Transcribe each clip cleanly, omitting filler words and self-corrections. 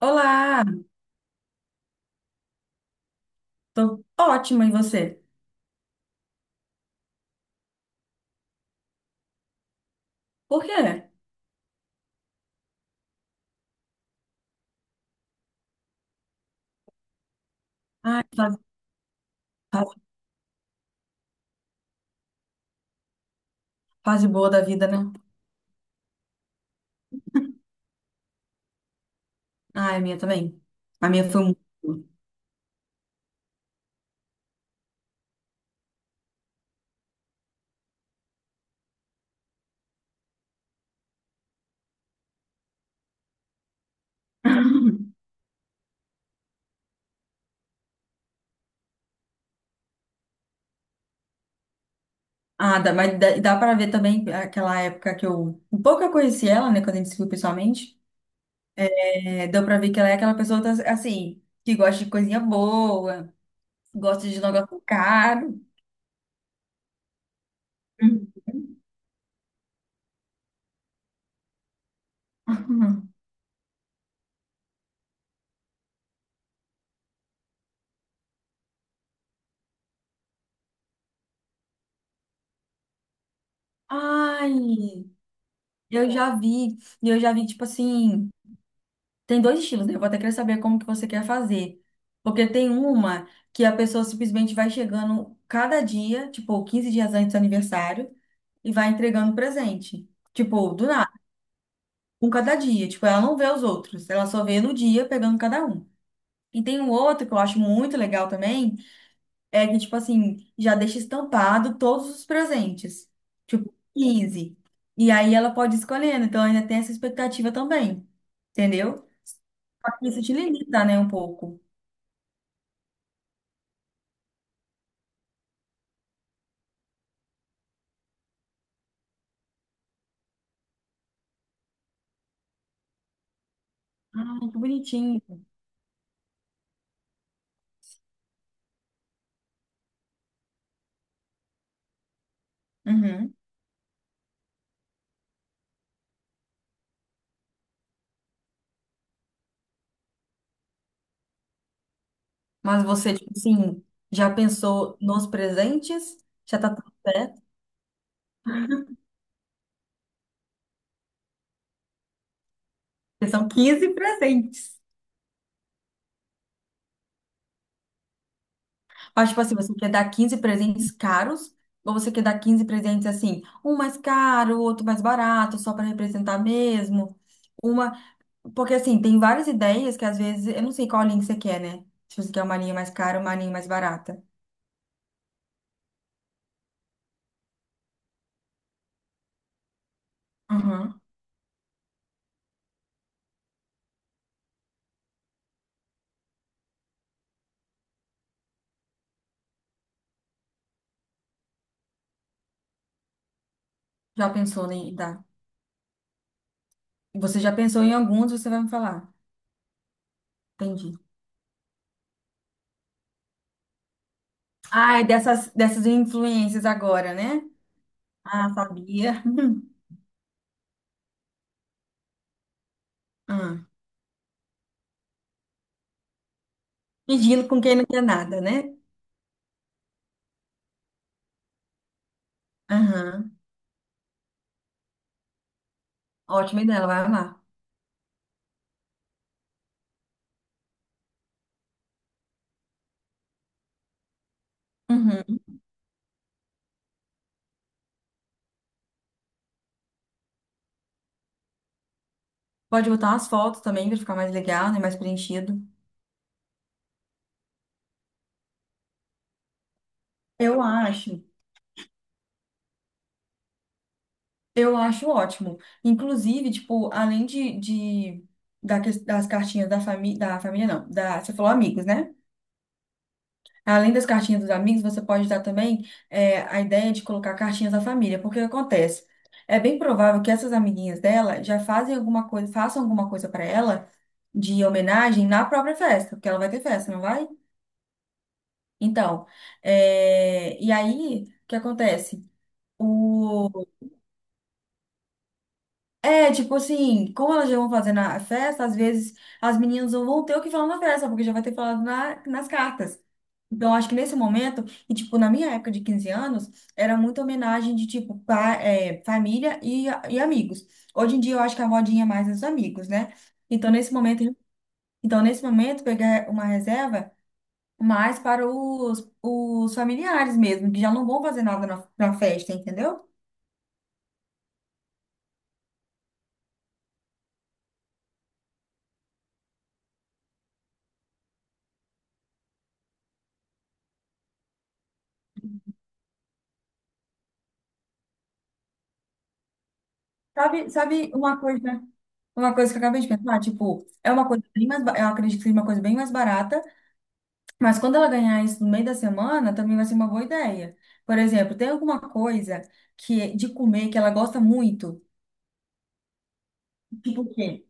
Olá, tô ótima, e você? Por quê? Ai, fase, fase- fase boa da vida, né? Ai, a minha também. A minha foi muito boa. Ah, dá, mas dá pra ver também aquela época que eu. Um pouco eu conheci ela, né, quando a gente se viu pessoalmente. É, deu pra ver que ela é aquela pessoa, assim, que gosta de coisinha boa, gosta de negócio caro. Ai, eu já vi, tipo assim. Tem dois estilos, né? Eu vou até querer saber como que você quer fazer. Porque tem uma que a pessoa simplesmente vai chegando cada dia, tipo, 15 dias antes do aniversário, e vai entregando presente. Tipo, do nada, um cada dia. Tipo, ela não vê os outros, ela só vê no dia pegando cada um. E tem um outro que eu acho muito legal também, é que, tipo assim, já deixa estampado todos os presentes. Tipo, 15. E aí ela pode ir escolhendo, então ainda tem essa expectativa também. Entendeu? Só que isso te limita, né, um pouco. Ai, que bonitinho. Uhum. Mas você, tipo assim, já pensou nos presentes? Já tá tudo certo? Porque são 15 presentes. Mas, tipo assim, você quer dar 15 presentes caros? Ou você quer dar quinze presentes assim, um mais caro, outro mais barato, só para representar mesmo? Uma. Porque, assim, tem várias ideias que às vezes. Eu não sei qual linha que você quer, né? Se você quer uma linha mais cara ou uma linha mais barata. Uhum. Já pensou em dar? Você já pensou em alguns, você vai me falar. Entendi. Ai, dessas influências agora, né? Ah, sabia. Ah. Fingindo com quem não quer nada, né? Aham. Ótima ideia, ela vai amar. Uhum. Pode botar umas fotos também pra ficar mais legal, né? Mais preenchido. Eu acho. Eu acho ótimo. Inclusive, tipo, além de das cartinhas da família não, da, você falou amigos, né? Além das cartinhas dos amigos, você pode dar também a ideia de colocar cartinhas da família, porque o que acontece? É bem provável que essas amiguinhas dela já fazem alguma coisa, façam alguma coisa para ela de homenagem na própria festa, porque ela vai ter festa, não vai? Então, e aí, o que acontece? É, tipo assim, como elas já vão fazer na festa, às vezes as meninas não vão ter o que falar na festa, porque já vai ter falado nas cartas. Então, acho que nesse momento, e tipo, na minha época de 15 anos, era muita homenagem de tipo, família e amigos. Hoje em dia, eu acho que a modinha é mais os amigos, né? Então, nesse momento, então, nesse momento, pegar uma reserva mais para os familiares mesmo, que já não vão fazer nada na festa, entendeu? Sabe, sabe uma coisa? Uma coisa que eu acabei de pensar, tipo, é uma coisa bem mais, eu acredito que seja uma coisa bem mais barata, mas quando ela ganhar isso no meio da semana, também vai ser uma boa ideia. Por exemplo, tem alguma coisa que é de comer que ela gosta muito? Tipo o quê?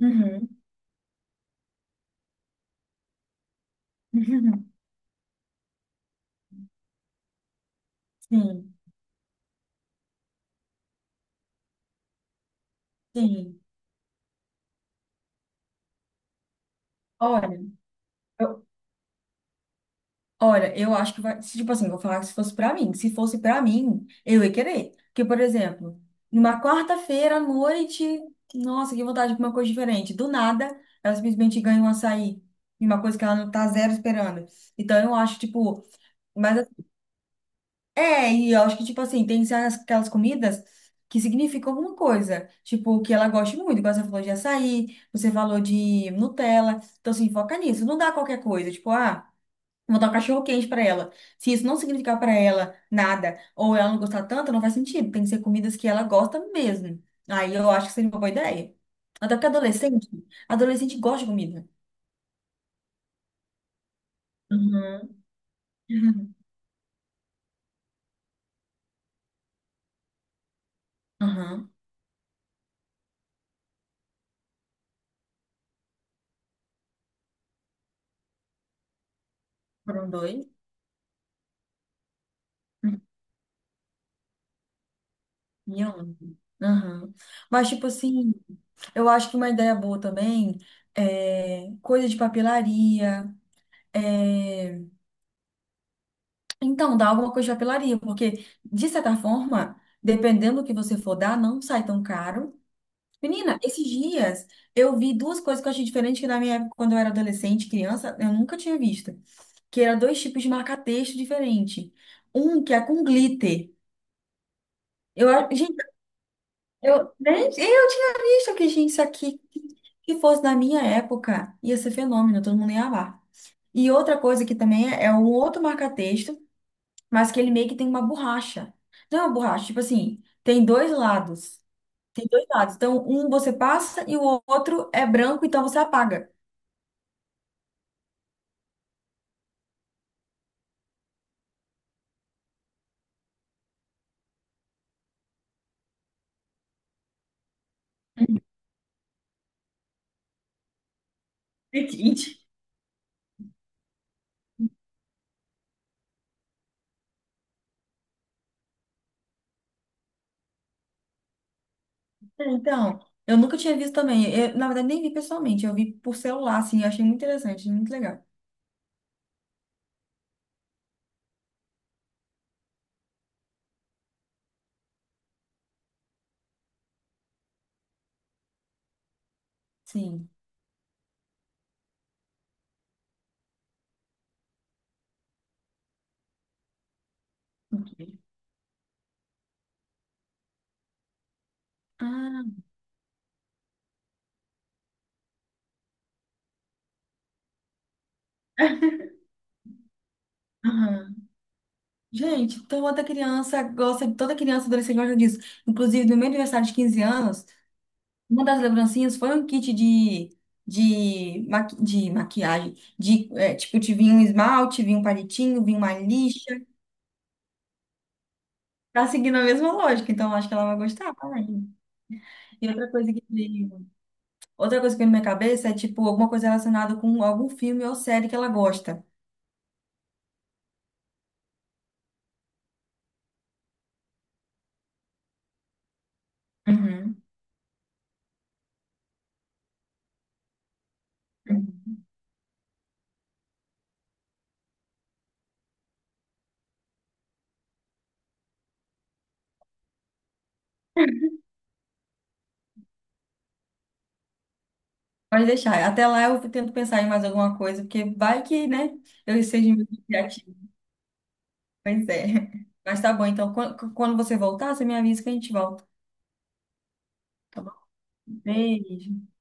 Uhum. Sim, sim. Olha, eu, Olha, eu acho que vai. Se, Tipo assim, vou falar que se fosse pra mim. Se fosse pra mim, eu ia querer. Porque, por exemplo, numa quarta-feira à noite, nossa, que vontade de comer uma coisa diferente. Do nada, ela simplesmente ganha um açaí. E uma coisa que ela não tá zero esperando. Então, eu acho, tipo. Mas e eu acho que, tipo assim, tem que aquelas comidas que significam alguma coisa. Tipo, que ela goste muito. Igual você falou de açaí, você falou de Nutella. Então, assim, foca nisso. Não dá qualquer coisa. Tipo, ah. Vou dar um cachorro quente pra ela. Se isso não significar pra ela nada, ou ela não gostar tanto, não faz sentido. Tem que ser comidas que ela gosta mesmo. Aí eu acho que seria uma boa ideia. Até porque adolescente, adolescente gosta de comida. Uhum. Aham. Foram dois. Uhum. E onde? Aham. Mas, tipo assim, eu acho que uma ideia boa também é coisa de papelaria. é, Então, dá alguma coisa de papelaria, porque, de certa forma, dependendo do que você for dar, não sai tão caro. Menina, esses dias eu vi duas coisas que eu achei diferente que na minha época, quando eu era adolescente, criança, eu nunca tinha visto. Que eram dois tipos de marca-texto diferente. Um que é com glitter. Eu, a- gente, eu nem eu tinha visto que, gente, isso aqui, se fosse na minha época, ia ser fenômeno, todo mundo ia amar. E outra coisa que também é um outro marca-texto, mas que ele meio que tem uma borracha. Não é uma borracha, tipo assim, tem dois lados. Tem dois lados. Então, um você passa e o outro é branco, então você apaga. Entendi. Então, eu nunca tinha visto também. Eu, na verdade, nem vi pessoalmente, eu vi por celular, assim, eu achei muito interessante, muito legal. Sim. Ok. Ah, aham. Gente, toda criança gosta, toda criança e adolescente gosta disso. Inclusive, no meu aniversário de 15 anos, uma das lembrancinhas foi um kit de maquiagem. Tipo, te vinha um esmalte, vinha um palitinho, vinha uma lixa. Tá seguindo a mesma lógica, então eu acho que ela vai gostar, né? E outra coisa que veio na minha cabeça é tipo alguma coisa relacionada com algum filme ou série que ela gosta. Uhum. Uhum. Pode deixar. Até lá eu tento pensar em mais alguma coisa, porque vai que, né, eu seja muito criativa. Pois é. Mas tá bom, então quando você voltar, você me avisa que a gente volta. Tá bom? Beijo.